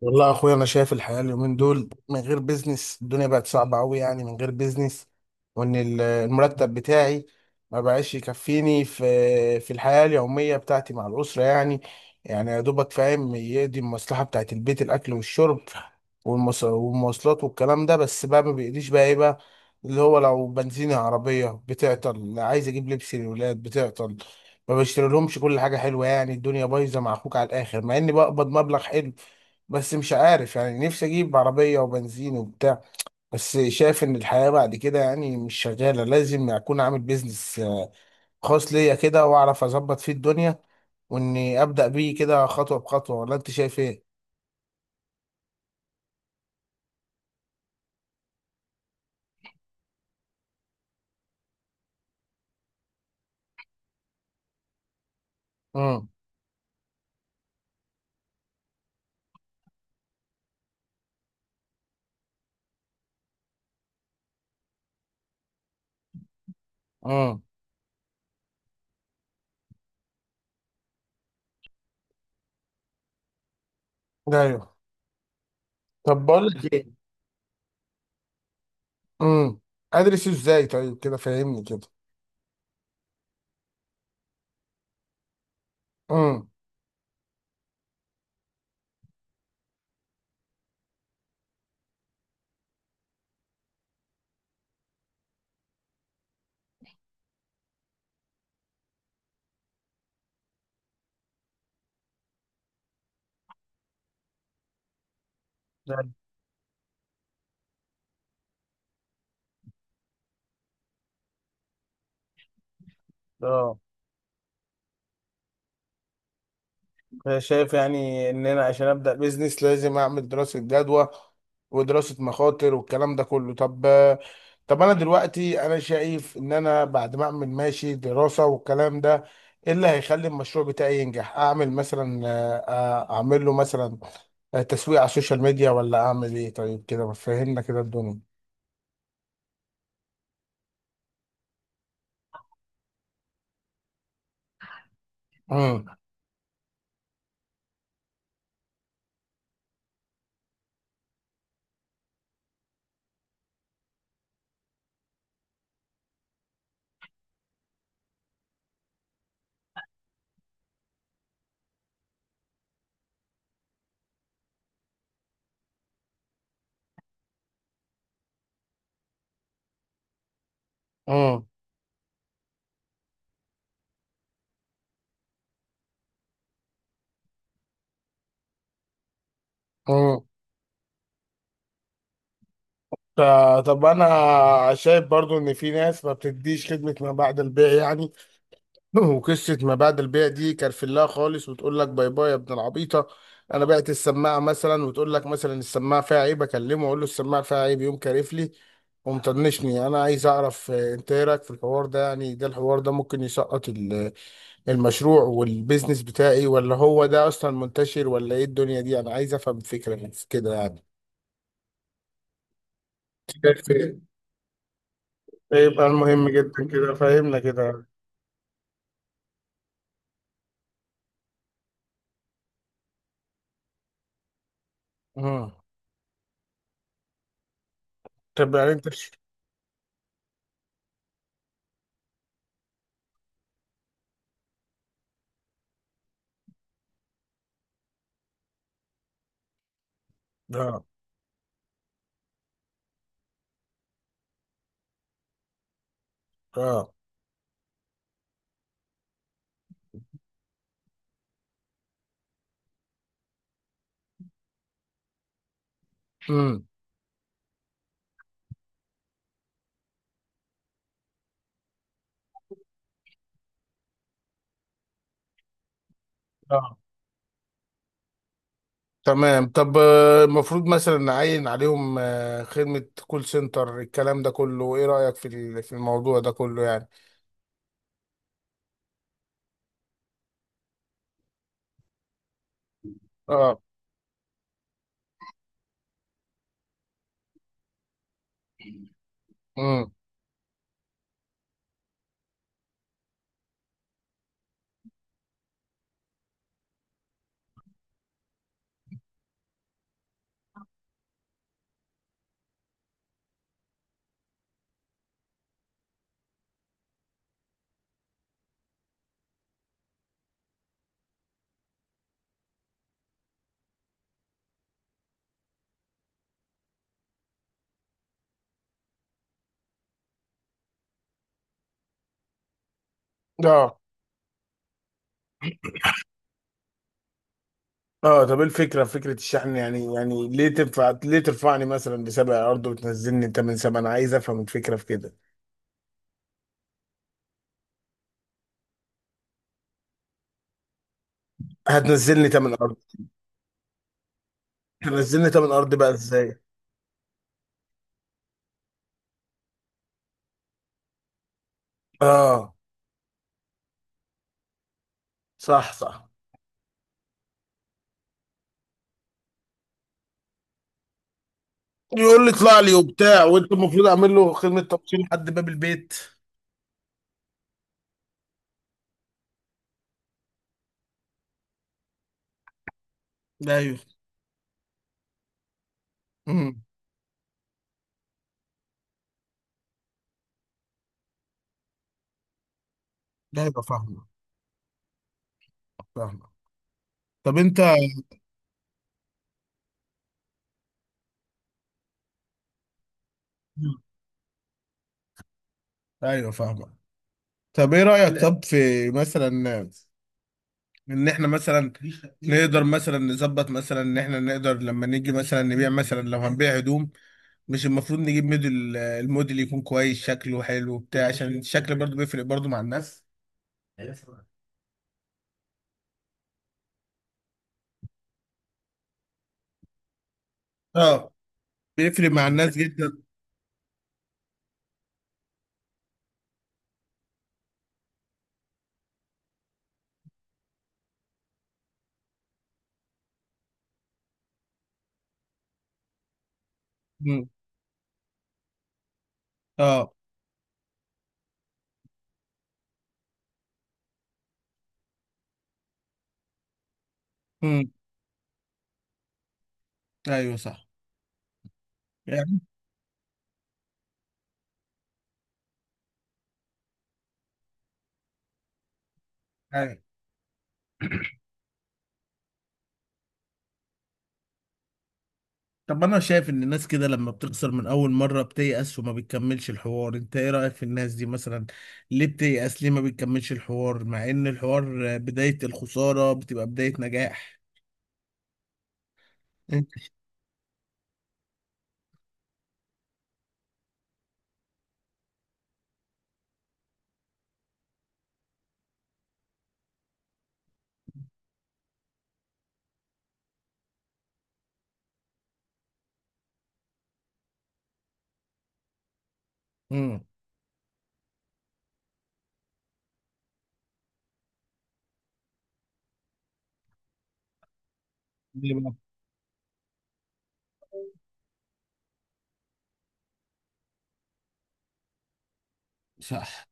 والله يا اخويا، انا شايف الحياه اليومين دول من غير بيزنس. الدنيا بقت صعبه قوي يعني، من غير بيزنس. وان المرتب بتاعي ما بقاش يكفيني في الحياه اليوميه بتاعتي مع الاسره يعني. يعني يا دوبك فاهم، يقضي المصلحه بتاعت البيت، الاكل والشرب والمواصلات والكلام ده. بس بقى ما بيقضيش، بقى ايه بقى؟ اللي هو لو بنزين عربيه بتعطل، عايز اجيب لبس للولاد بتعطل، ما بشتري لهمش كل حاجه حلوه. يعني الدنيا بايظه مع اخوك على الاخر، مع اني بقبض مبلغ حلو. بس مش عارف يعني، نفسي اجيب عربية وبنزين وبتاع. بس شايف ان الحياة بعد كده يعني مش شغالة، لازم اكون عامل بيزنس خاص ليا كده واعرف اظبط فيه الدنيا، واني ابدا بيه كده خطوة بخطوة. ولا انت شايف ايه؟ امم. امم. ايوه. طب بقول لك ايه؟ امم. ادرسه ازاي طيب؟ كده فاهمني كده. امم. شايف يعني ان انا عشان ابدا بيزنس لازم اعمل دراسه جدوى ودراسه مخاطر والكلام ده كله. طب، طب انا دلوقتي انا شايف ان انا بعد ما اعمل ماشي دراسه والكلام ده، ايه اللي هيخلي المشروع بتاعي ينجح؟ اعمل مثلا اعمل له مثلا تسويق على السوشيال ميديا، ولا اعمل ايه؟ طيب كده ما فهمنا كده الدنيا. امم. امم. امم. طب انا شايف برضو ان في ناس ما بتديش خدمه ما بعد البيع يعني. وقصة ما بعد البيع دي كرفلاها خالص وتقول لك باي باي يا ابن العبيطة. أنا بعت السماعة مثلا وتقول لك مثلا السماعة فيها عيب، أكلمه أقول له السماعة فيها عيب، يقوم كارف لي ومطنشني. أنا عايز أعرف أنت إيه رأيك في الحوار ده يعني؟ ده الحوار ده ممكن يسقط المشروع والبيزنس بتاعي؟ ولا هو ده أصلا منتشر ولا إيه الدنيا دي؟ أنا عايز أفهم فكرة من كده يعني. شايف إيه؟ يبقى المهم جدا كده فهمنا كده. مم. طب يعني أنت. آه. آه. مم. تمام. طب المفروض مثلا نعين عليهم خدمة كول سنتر الكلام ده كله. ايه رأيك في الموضوع ده كله يعني؟ اه. امم. اه. اه طب ايه الفكرة في فكرة الشحن يعني؟ يعني ليه تنفع؟ ليه ترفعني مثلا بسبع ارض وتنزلني تمن سبع؟ انا عايز افهم الفكرة في كده. هتنزلني تمن ارض. هتنزلني تمن ارض بقى ازاي؟ اه. صح صح. يقول لي اطلع لي وبتاع، وانت المفروض اعمل له خدمة توصيل لحد باب البيت. لا ايوه. امم. لا يبقى فاهمه فاهمه. طب انت. مم. ايوه فاهمك. طب ايه رأيك؟ لا طب في مثلا ان احنا مثلا نقدر مثلا نظبط مثلا ان احنا نقدر لما نيجي مثلا نبيع مثلا لو هنبيع هدوم، مش المفروض نجيب موديل؟ الموديل يكون كويس شكله حلو بتاع عشان الشكل برضو بيفرق برضو مع الناس. اه. بيفرق مع الناس جدا. مم. اه. مم. ايوه صح يعني. طب انا شايف ان الناس كده لما بتخسر من اول مرة بتيأس وما بتكملش الحوار. انت ايه رأيك في الناس دي مثلا؟ ليه بتيأس؟ ليه ما بتكملش الحوار مع ان الحوار بداية الخسارة بتبقى بداية نجاح؟ انت. امم. ليه بقى؟ صح.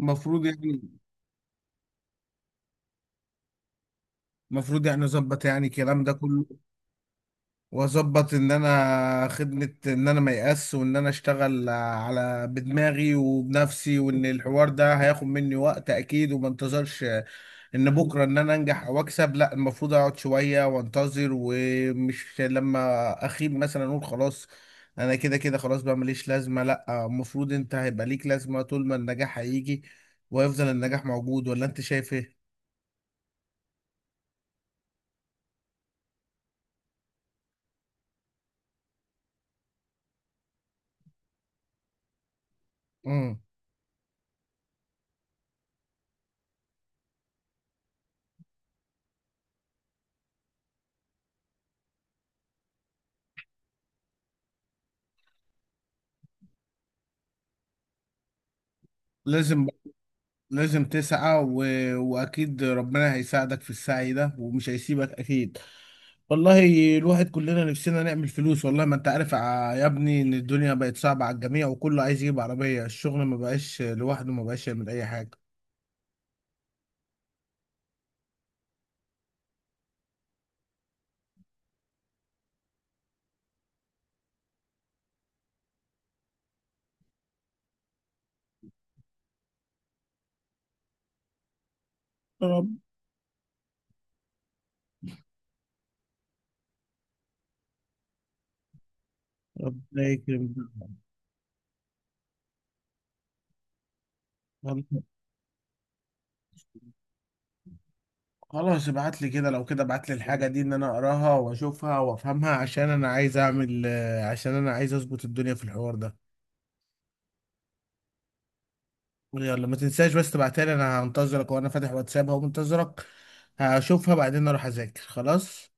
المفروض يعني. المفروض يعني اظبط يعني الكلام ده كله، واظبط ان انا خدمة، ان انا ما يأس، وان انا اشتغل على بدماغي وبنفسي، وان الحوار ده هياخد مني وقت اكيد، وما انتظرش ان بكره ان انا انجح او اكسب. لا المفروض اقعد شويه وانتظر، ومش لما اخيب مثلا اقول خلاص انا كده كده خلاص بقى ماليش لازمه. لا المفروض انت هيبقى ليك لازمه طول ما النجاح هيجي ويفضل النجاح موجود. ولا انت شايف ايه؟ امم. لازم. لازم تسعى. واكيد ربنا هيساعدك في السعي ده ومش هيسيبك اكيد. والله الواحد كلنا نفسنا نعمل فلوس. والله ما انت عارف يا ابني ان الدنيا بقت صعبة على الجميع، وكله عايز يجيب عربية الشغل. ما بقاش لوحده، ما بقاش يعمل اي حاجة. رب ربنا يكرم. والله. خلاص ابعت لي كده. لو كده ابعت لي الحاجة دي ان انا اقراها واشوفها وافهمها، عشان انا عايز اعمل عشان انا عايز اظبط الدنيا في الحوار ده. يلا ما تنساش بس تبعتها لي. انا هنتظرك، وانا فاتح واتساب اهو منتظرك. هشوفها بعدين اروح اذاكر خلاص.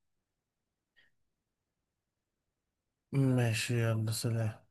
ماشي يلا سلام.